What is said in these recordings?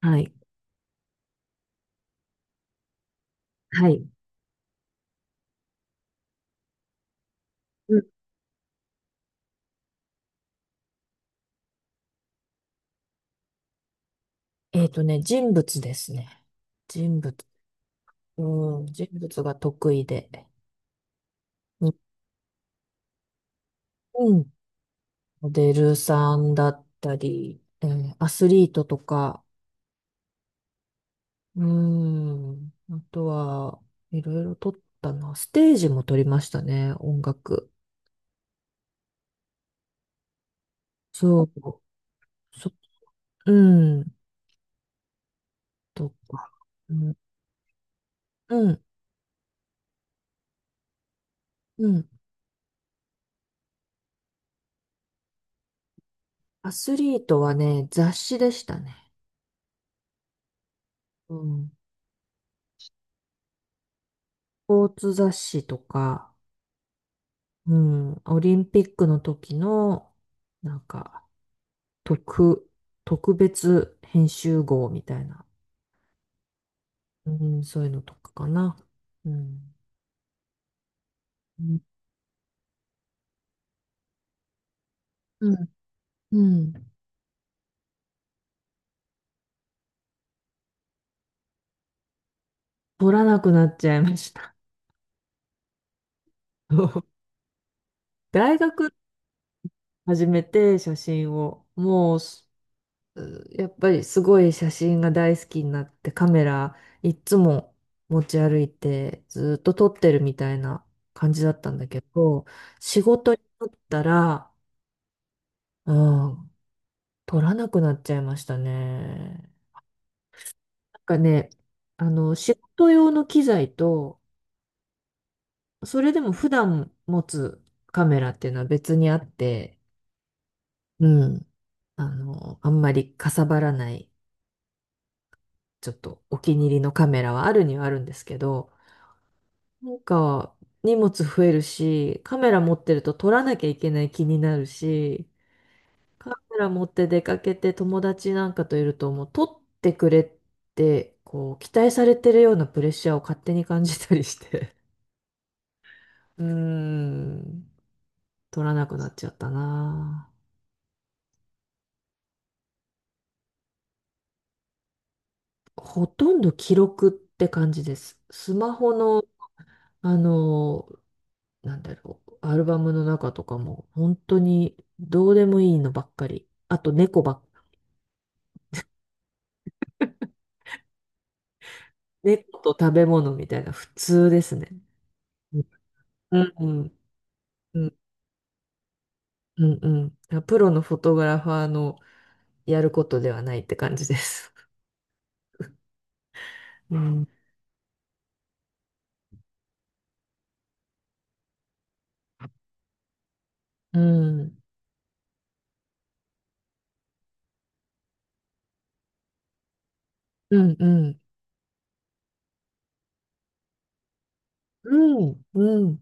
はい。はい。うん人物ですね。人物。うん、人物が得意で。日本モデルさんだったり、アスリートとか、うん、あとは、いろいろ撮ったな。ステージも撮りましたね、音楽。そう、そ、うん、とか。うん、うん、うん。アスリートはね、雑誌でしたね。うん。スポーツ雑誌とか、うん、オリンピックの時の、なんか、特、特別編集号みたいな、うん、そういうのとかかな。うん。うん。うん撮らなくなっちゃいました。大学始めて写真を、もうす、やっぱりすごい写真が大好きになって、カメラいっつも持ち歩いて、ずっと撮ってるみたいな感じだったんだけど、仕事になったら、ああ、取らなくなっちゃいましたね。なんかね、あの、仕事用の機材と、それでも普段持つカメラっていうのは別にあって、うん、あの、あんまりかさばらない、ちょっとお気に入りのカメラはあるにはあるんですけど、なんか荷物増えるし、カメラ持ってると撮らなきゃいけない気になるし、カメラ持って出かけて友達なんかといるともう撮ってくれってこう期待されてるようなプレッシャーを勝手に感じたりして。 うーん撮らなくなっちゃったな。ほとんど記録って感じです、スマホの。あの、なんだろう、アルバムの中とかも本当にどうでもいいのばっかり、あと猫ばっかり、猫と食べ物みたいな、普通ですね。うん。うん。うん。うん。うん。あ、プロのフォトグラファーのやることではないって感じです。うん。うん。うん。うん。うん。うん。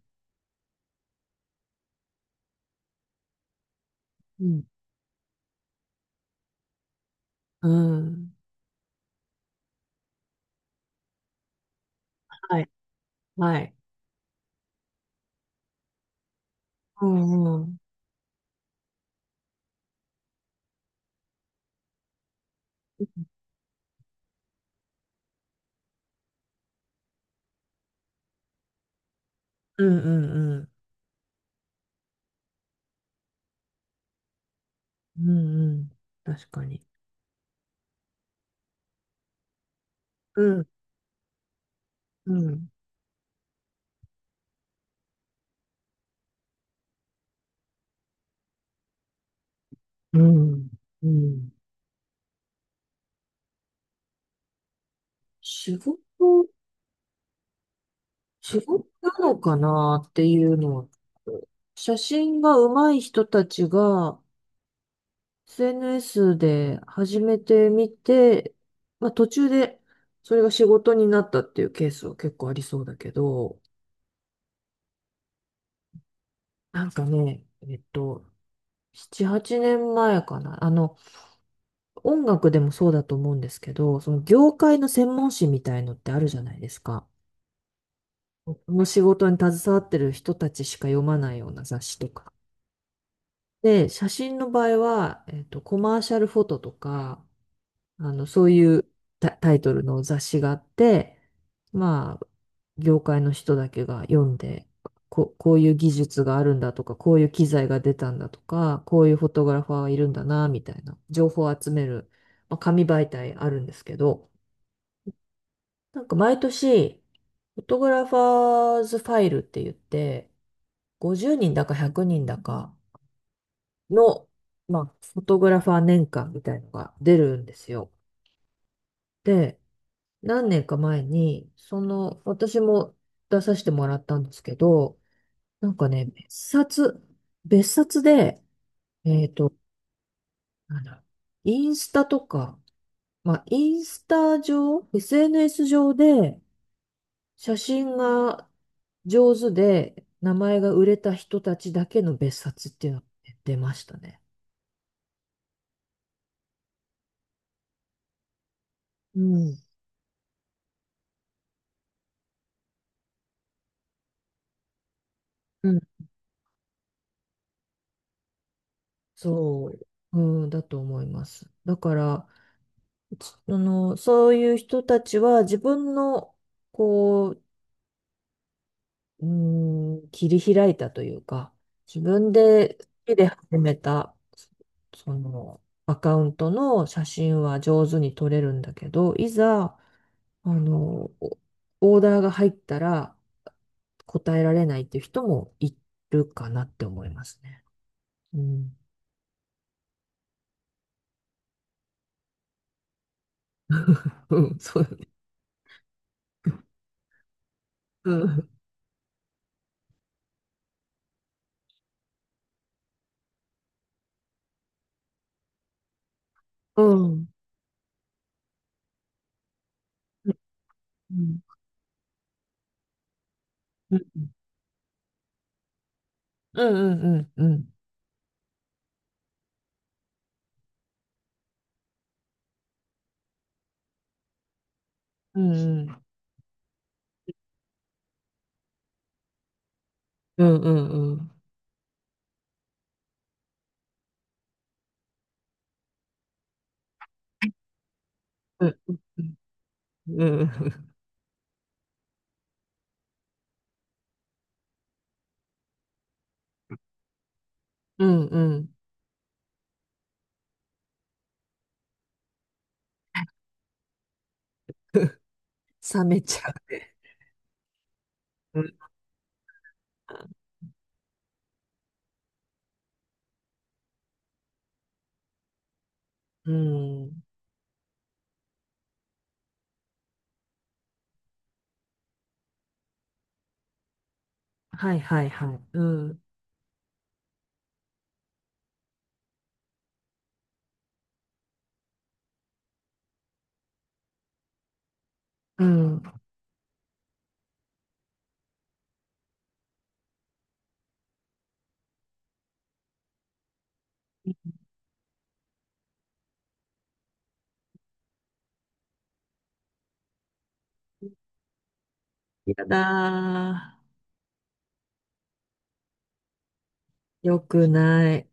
うん。うん。はい。はい。うん。うん。うんうんうん。うんうん。確かに。うん。うん。うん。うん。仕事、仕事なのかなっていうのは、写真が上手い人たちが、SNS で始めてみて、まあ途中でそれが仕事になったっていうケースは結構ありそうだけど、なんかね、えっと、7、8年前かな。あの、音楽でもそうだと思うんですけど、その業界の専門誌みたいのってあるじゃないですか。この仕事に携わってる人たちしか読まないような雑誌とか。で、写真の場合は、えっと、コマーシャルフォトとか、あの、そういうタイトルの雑誌があって、まあ、業界の人だけが読んで、こういう技術があるんだとか、こういう機材が出たんだとか、こういうフォトグラファーがいるんだな、みたいな情報を集める、まあ、紙媒体あるんですけど、なんか毎年、フォトグラファーズファイルって言って、50人だか100人だかの、まあ、フォトグラファー年間みたいのが出るんですよ。で、何年か前に、その、私も出させてもらったんですけど、なんかね、別冊で、えっと、なんだ、インスタとか、まあ、インスタ上、SNS 上で、写真が上手で、名前が売れた人たちだけの別冊っていうのが出ましたね。うん。うん。そう。うん、だと思います。だから、そういう人たちは自分の、こう、うーん、切り開いたというか、自分で好きで始めた、その、アカウントの写真は上手に撮れるんだけど、いざ、あの、オオーダーが入ったら答えられないっていう人もいるかなって思いますね。うん。うん、そうだね。うん。うん。うん。うん。うん。うん。うん。うん。うん。うんうんうんうん。うんうんうん。うんうん。冷めちゃうね。うん。うん。はいはいはい。うん。うん。やだー。よくない。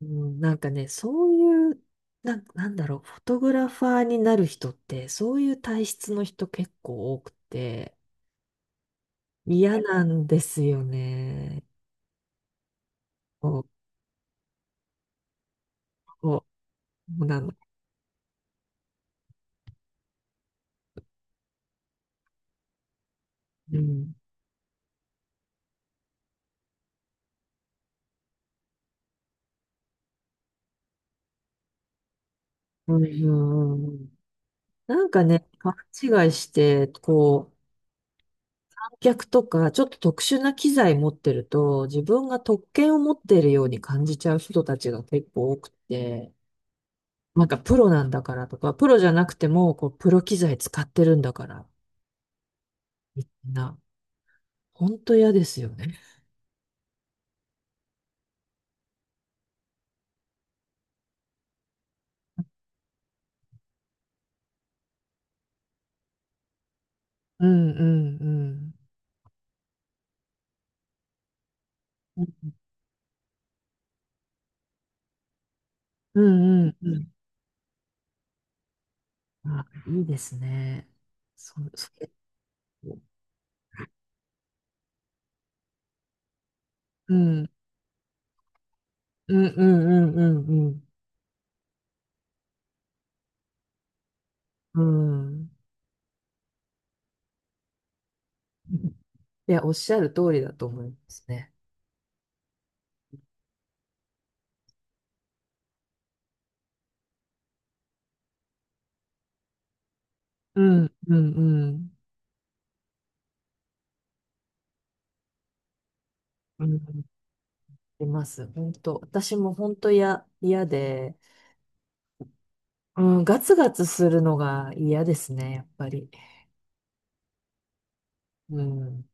うん、なんかね、そういう、なんだろう、フォトグラファーになる人って、そういう体質の人結構多くて、嫌なんですよね。こう、こそうなの。うん。うん、うん、うん。なんかね、勘違いして、こう、観客とか、ちょっと特殊な機材持ってると、自分が特権を持っているように感じちゃう人たちが結構多くて、なんかプロなんだからとか、プロじゃなくても、こう、プロ機材使ってるんだから、みんな、ほんと嫌ですよね。うんうんうん。うんうんうん。あ、いいですね。それ、うん、うんうんうんうんうん。うん。いや、おっしゃる通りだと思いますね。うん、うん、うん。うん、います。本当。私も本当や、嫌で、うん、ガツガツするのが嫌ですね、やっぱり。うん。